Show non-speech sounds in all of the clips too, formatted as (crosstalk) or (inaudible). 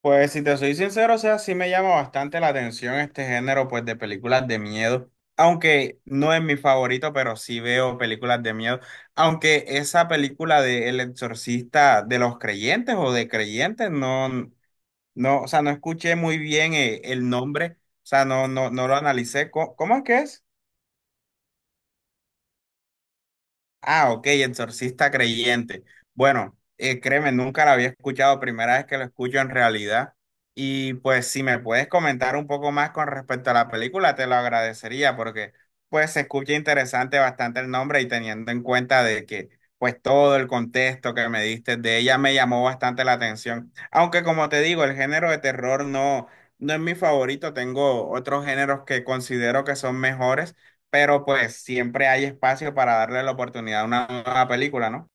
Pues si te soy sincero, o sea, sí me llama bastante la atención este género pues de películas de miedo, aunque no es mi favorito, pero sí veo películas de miedo, aunque esa película de El Exorcista de los creyentes o de creyentes no, o sea, no escuché muy bien el nombre, o sea, no lo analicé. ¿Cómo, es que es? Ah, ok, exorcista creyente. Bueno, créeme, nunca la había escuchado, primera vez que lo escucho en realidad. Y pues si me puedes comentar un poco más con respecto a la película, te lo agradecería porque pues se escucha interesante bastante el nombre y teniendo en cuenta de que pues todo el contexto que me diste de ella me llamó bastante la atención. Aunque como te digo, el género de terror no, no es mi favorito, tengo otros géneros que considero que son mejores, pero pues siempre hay espacio para darle la oportunidad a una nueva película, ¿no?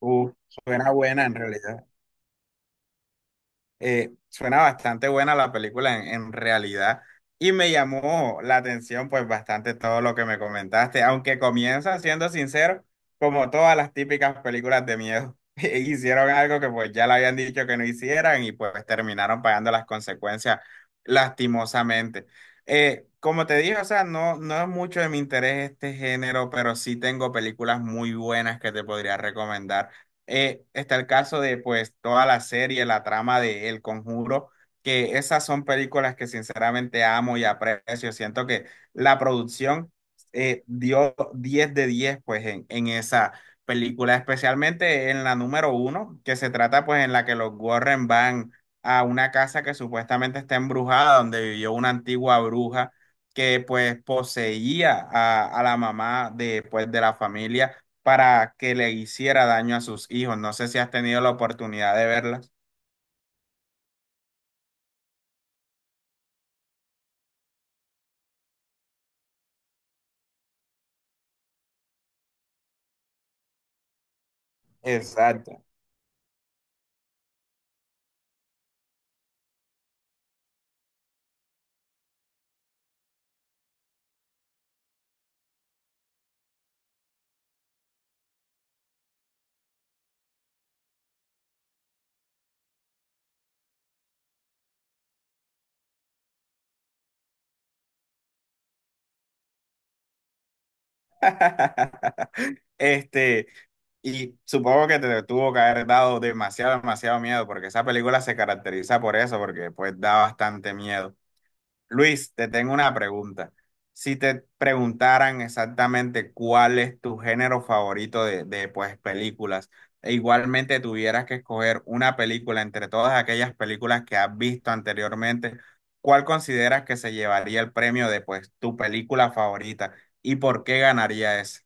Uh, Suena buena en realidad. Suena bastante buena la película en realidad y me llamó la atención pues bastante todo lo que me comentaste, aunque comienza, siendo sincero, como todas las típicas películas de miedo, (laughs) hicieron algo que pues ya le habían dicho que no hicieran y pues terminaron pagando las consecuencias lastimosamente. Como te dije, o sea, no, no es mucho de mi interés este género, pero sí tengo películas muy buenas que te podría recomendar, está el caso de pues toda la serie, la trama de El Conjuro, que esas son películas que sinceramente amo y aprecio. Siento que la producción dio 10 de 10 pues en esa película, especialmente en la número uno, que se trata pues en la que los Warren van a una casa que supuestamente está embrujada, donde vivió una antigua bruja que pues poseía a la mamá de, pues, de la familia para que le hiciera daño a sus hijos. No sé si has tenido la oportunidad de verlas. Exacto. (laughs) Este, y supongo que te tuvo que haber dado demasiado miedo, porque esa película se caracteriza por eso, porque pues da bastante miedo. Luis, te tengo una pregunta. Si te preguntaran exactamente cuál es tu género favorito de, pues, películas, e igualmente tuvieras que escoger una película entre todas aquellas películas que has visto anteriormente, ¿cuál consideras que se llevaría el premio de, pues, tu película favorita y por qué ganaría esa?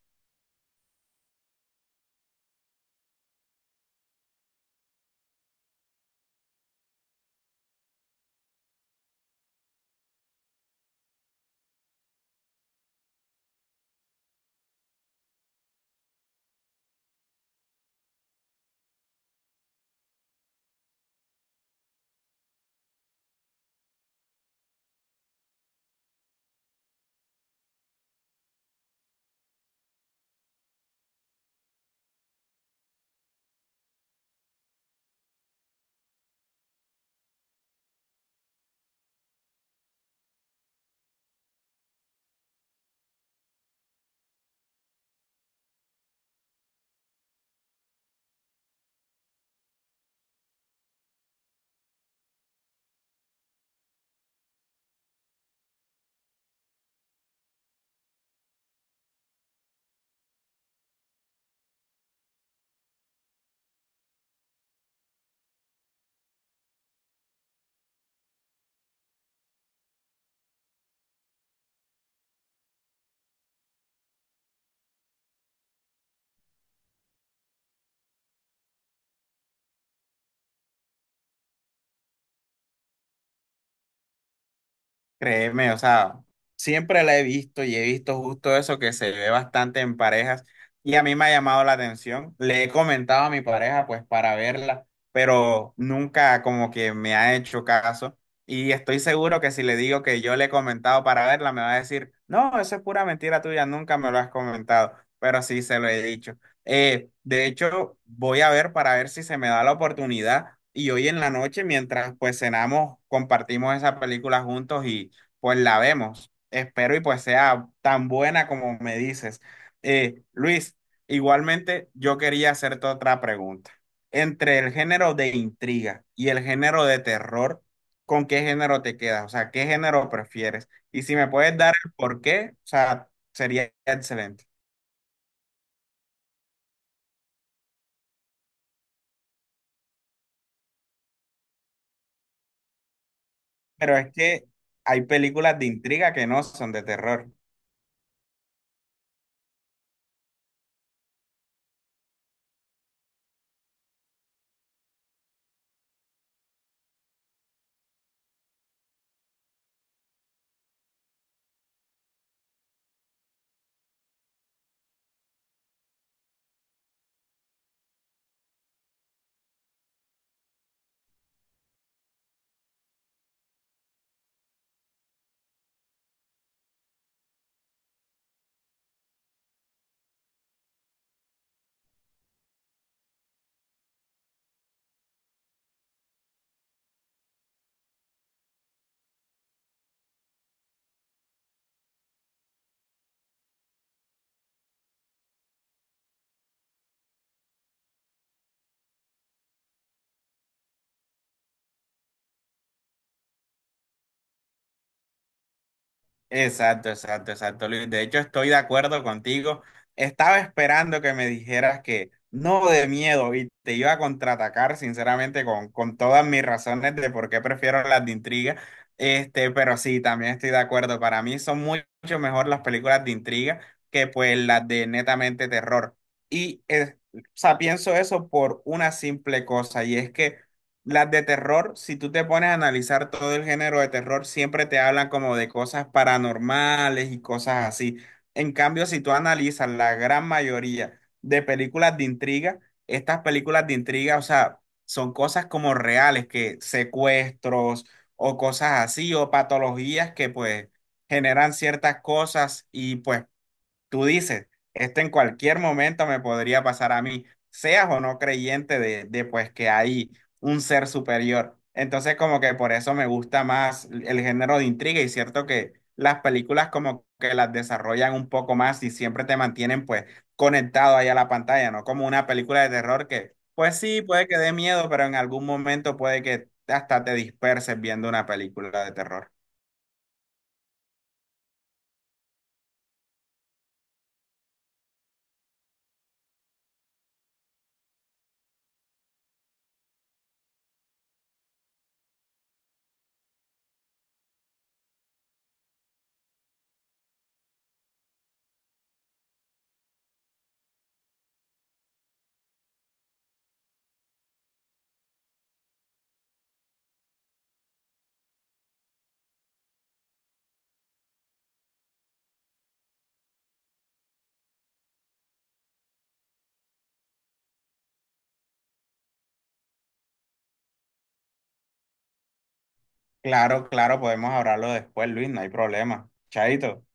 Créeme, o sea, siempre la he visto y he visto justo eso que se ve bastante en parejas y a mí me ha llamado la atención. Le he comentado a mi pareja pues para verla, pero nunca como que me ha hecho caso y estoy seguro que si le digo que yo le he comentado para verla, me va a decir, no, eso es pura mentira tuya, nunca me lo has comentado, pero sí se lo he dicho. De hecho, voy a ver para ver si se me da la oportunidad. Y hoy en la noche, mientras pues cenamos, compartimos esa película juntos, pues la vemos. Espero y pues sea tan buena como me dices. Luis, igualmente yo quería hacerte otra pregunta. Entre el género de intriga y el género de terror, ¿con qué género te quedas? O sea, ¿qué género prefieres? Y si me puedes dar el por qué, o sea, sería excelente. Pero es que hay películas de intriga que no son de terror. Exacto, exacto, exacto, Luis. De hecho, estoy de acuerdo contigo. Estaba esperando que me dijeras que no de miedo y te iba a contraatacar, sinceramente, con todas mis razones de por qué prefiero las de intriga. Este, pero sí, también estoy de acuerdo. Para mí son muy- mucho mejor las películas de intriga que pues las de netamente terror. Y, o sea, pienso eso por una simple cosa y es que las de terror, si tú te pones a analizar todo el género de terror, siempre te hablan como de cosas paranormales y cosas así. En cambio, si tú analizas la gran mayoría de películas de intriga, estas películas de intriga, o sea, son cosas como reales, que secuestros o cosas así, o patologías que pues generan ciertas cosas y pues tú dices, esto en cualquier momento me podría pasar a mí, seas o no creyente de pues que hay un ser superior. Entonces como que por eso me gusta más el género de intriga y cierto que las películas como que las desarrollan un poco más y siempre te mantienen pues conectado ahí a la pantalla, ¿no? Como una película de terror que pues sí, puede que dé miedo, pero en algún momento puede que hasta te disperses viendo una película de terror. Claro, claro, podemos hablarlo después, Luis, no hay problema. Chaito.